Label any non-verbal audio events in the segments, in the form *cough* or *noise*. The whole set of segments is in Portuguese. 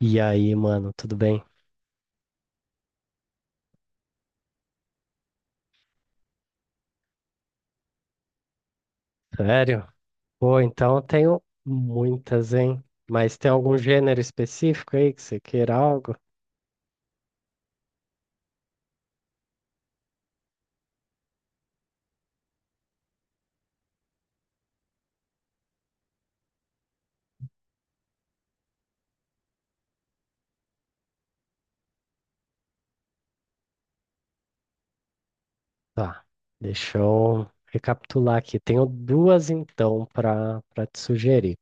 E aí, mano, tudo bem? Sério? Pô, então eu tenho muitas, hein? Mas tem algum gênero específico aí que você queira algo? Tá, deixa eu recapitular aqui. Tenho duas então para te sugerir.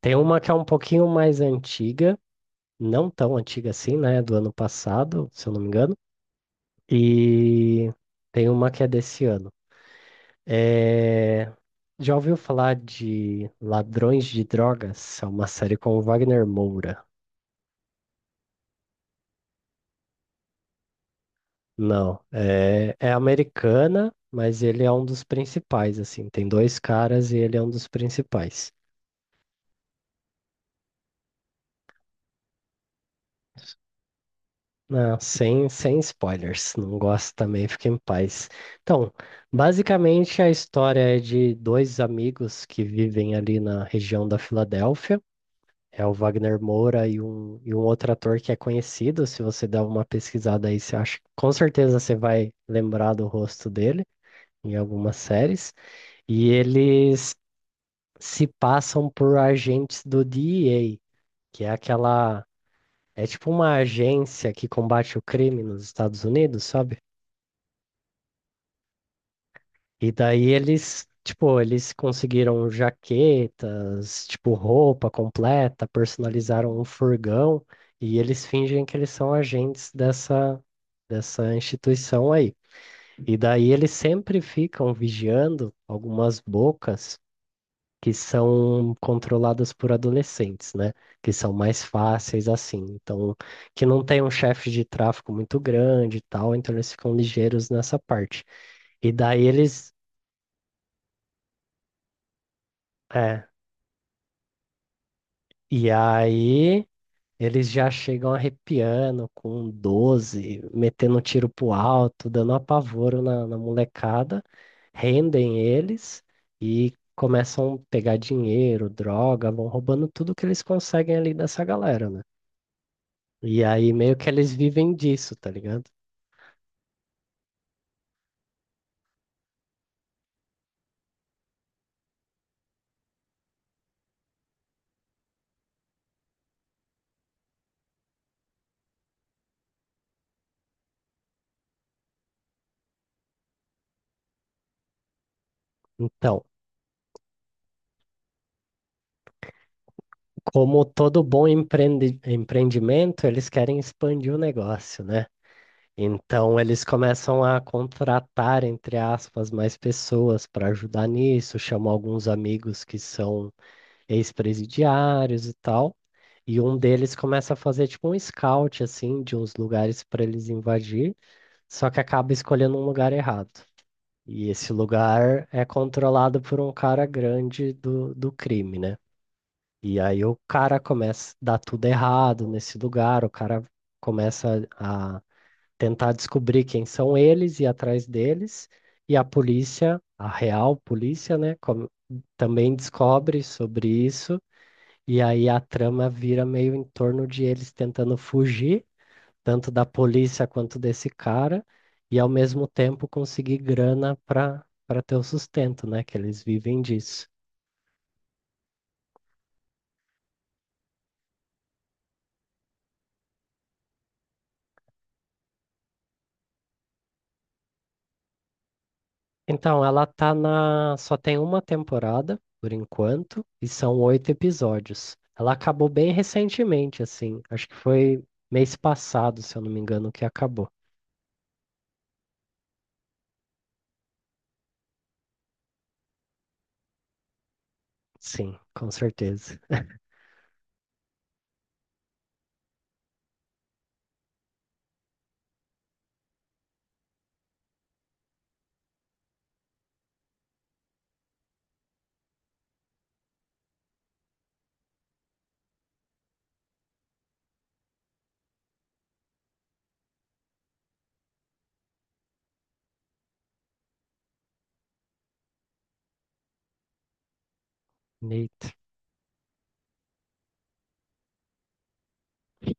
Tem uma que é um pouquinho mais antiga, não tão antiga assim, né? Do ano passado, se eu não me engano. E tem uma que é desse ano. É, Já ouviu falar de Ladrões de Drogas? É uma série com o Wagner Moura. Não, é americana, mas ele é um dos principais, assim. Tem dois caras e ele é um dos principais. Não, sem spoilers, não gosto também, *laughs* fica em paz. Então, basicamente a história é de dois amigos que vivem ali na região da Filadélfia. É o Wagner Moura e um outro ator que é conhecido. Se você der uma pesquisada aí, você acha, com certeza você vai lembrar do rosto dele em algumas séries. E eles se passam por agentes do DEA, que é aquela. É tipo uma agência que combate o crime nos Estados Unidos, sabe? E daí eles, tipo, eles conseguiram jaquetas, tipo, roupa completa, personalizaram um furgão, e eles fingem que eles são agentes dessa instituição aí. E daí eles sempre ficam vigiando algumas bocas que são controladas por adolescentes, né? Que são mais fáceis assim. Então, que não tem um chefe de tráfico muito grande e tal, então eles ficam ligeiros nessa parte. E daí eles. É, e aí eles já chegam arrepiando com 12, metendo tiro pro alto, dando apavoro na molecada, rendem eles e. Começam a pegar dinheiro, droga, vão roubando tudo que eles conseguem ali dessa galera, né? E aí meio que eles vivem disso, tá ligado? Então, como todo bom empreendimento, eles querem expandir o negócio, né? Então, eles começam a contratar, entre aspas, mais pessoas para ajudar nisso, chamam alguns amigos que são ex-presidiários e tal. E um deles começa a fazer tipo um scout, assim, de uns lugares para eles invadir, só que acaba escolhendo um lugar errado. E esse lugar é controlado por um cara grande do crime, né? E aí o cara começa a dar tudo errado nesse lugar, o cara começa a tentar descobrir quem são eles e ir atrás deles, e a polícia, a real polícia, né, também descobre sobre isso, e aí a trama vira meio em torno de eles tentando fugir tanto da polícia quanto desse cara, e ao mesmo tempo conseguir grana para ter o sustento, né? Que eles vivem disso. Então, ela tá na. Só tem uma temporada, por enquanto, e são oito episódios. Ela acabou bem recentemente, assim. Acho que foi mês passado, se eu não me engano, que acabou. Sim, com certeza. Neito.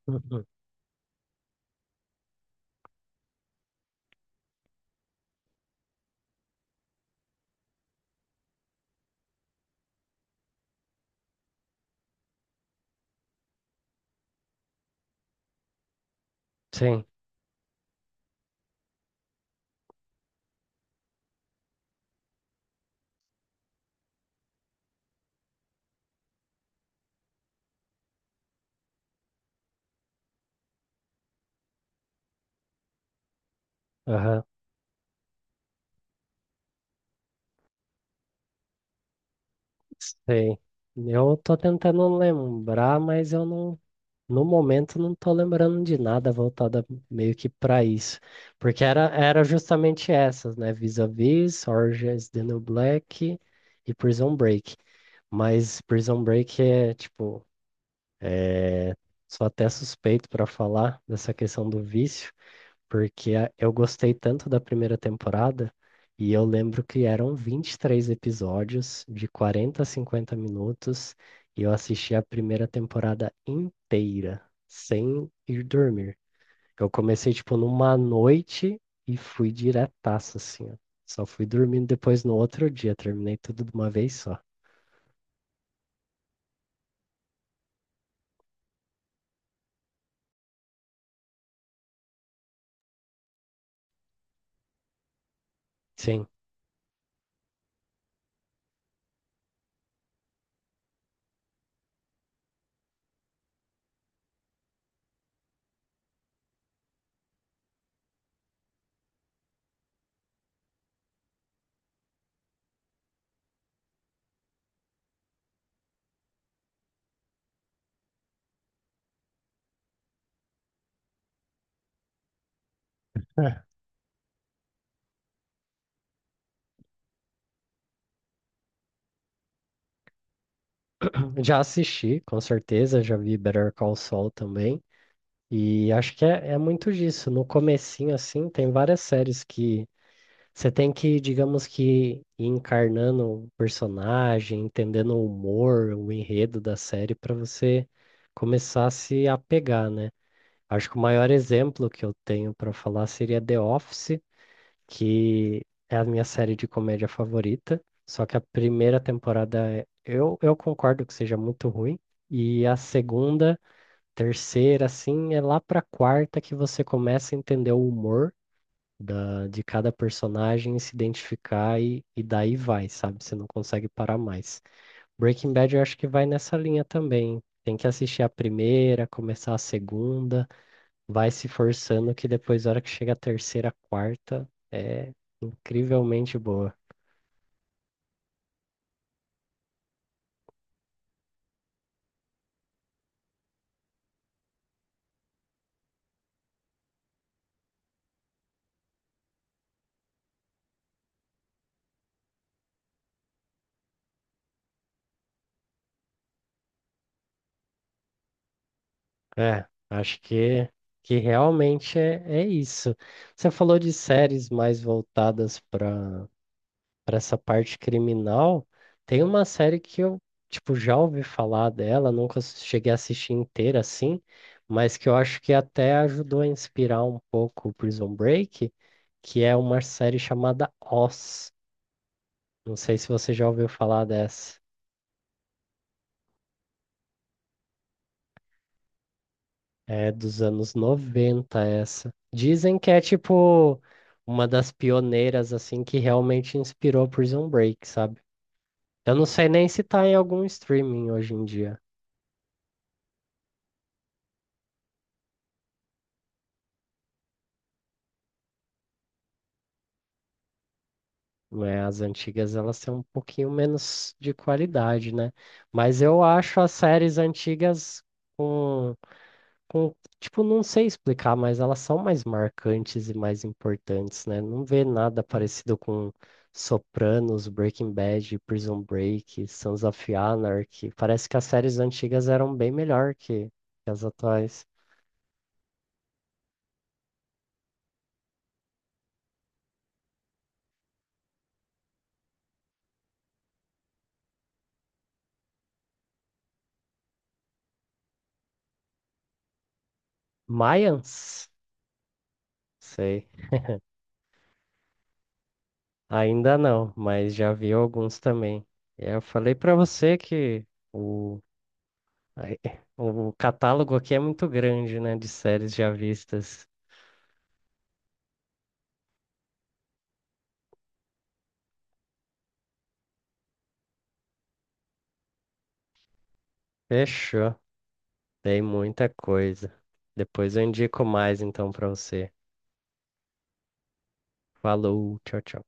Uhum. Sim, aham, sei. Eu tô tentando lembrar, mas eu não. No momento, não tô lembrando de nada voltada meio que para isso, porque era justamente essas, né? Vis-a-Vis, Orange is the New Black e Prison Break. Mas Prison Break é tipo, é... sou até suspeito para falar dessa questão do vício, porque eu gostei tanto da primeira temporada e eu lembro que eram 23 episódios de 40 a 50 minutos e eu assisti a primeira temporada inteira, sem ir dormir. Eu comecei, tipo, numa noite e fui diretaço, assim, ó. Só fui dormindo depois no outro dia, terminei tudo de uma vez só. Sim. É. Já assisti, com certeza, já vi Better Call Saul também. E acho que é muito disso. No comecinho, assim, tem várias séries que você tem que, digamos que, ir encarnando o personagem, entendendo o humor, o enredo da série, para você começar a se apegar, né? Acho que o maior exemplo que eu tenho para falar seria The Office, que é a minha série de comédia favorita. Só que a primeira temporada, eu concordo que seja muito ruim. E a segunda. Terceira, assim, é lá pra quarta que você começa a entender o humor de cada personagem, e se identificar e daí vai, sabe? Você não consegue parar mais. Breaking Bad eu acho que vai nessa linha também. Tem que assistir a primeira, começar a segunda, vai se forçando que depois, na hora que chega a terceira, quarta, é incrivelmente boa. É, acho que realmente é isso. Você falou de séries mais voltadas para essa parte criminal, tem uma série que eu, tipo, já ouvi falar dela, nunca cheguei a assistir inteira assim, mas que eu acho que até ajudou a inspirar um pouco o Prison Break, que é uma série chamada Oz. Não sei se você já ouviu falar dessa. É dos anos 90 essa. Dizem que é tipo uma das pioneiras assim que realmente inspirou Prison Break, sabe? Eu não sei nem se tá em algum streaming hoje em dia, né? As antigas elas têm um pouquinho menos de qualidade, né? Mas eu acho as séries antigas com, com, tipo, não sei explicar, mas elas são mais marcantes e mais importantes, né? Não vê nada parecido com Sopranos, Breaking Bad, Prison Break, Sons of Anarchy. Parece que as séries antigas eram bem melhor que as atuais. Mayans? Sei. Ainda não, mas já vi alguns também. E eu falei para você que o, ai, *laughs* o catálogo aqui é muito grande, né, de séries já vistas. Fechou. Tem muita coisa. Depois eu indico mais então para você. Falou, tchau, tchau.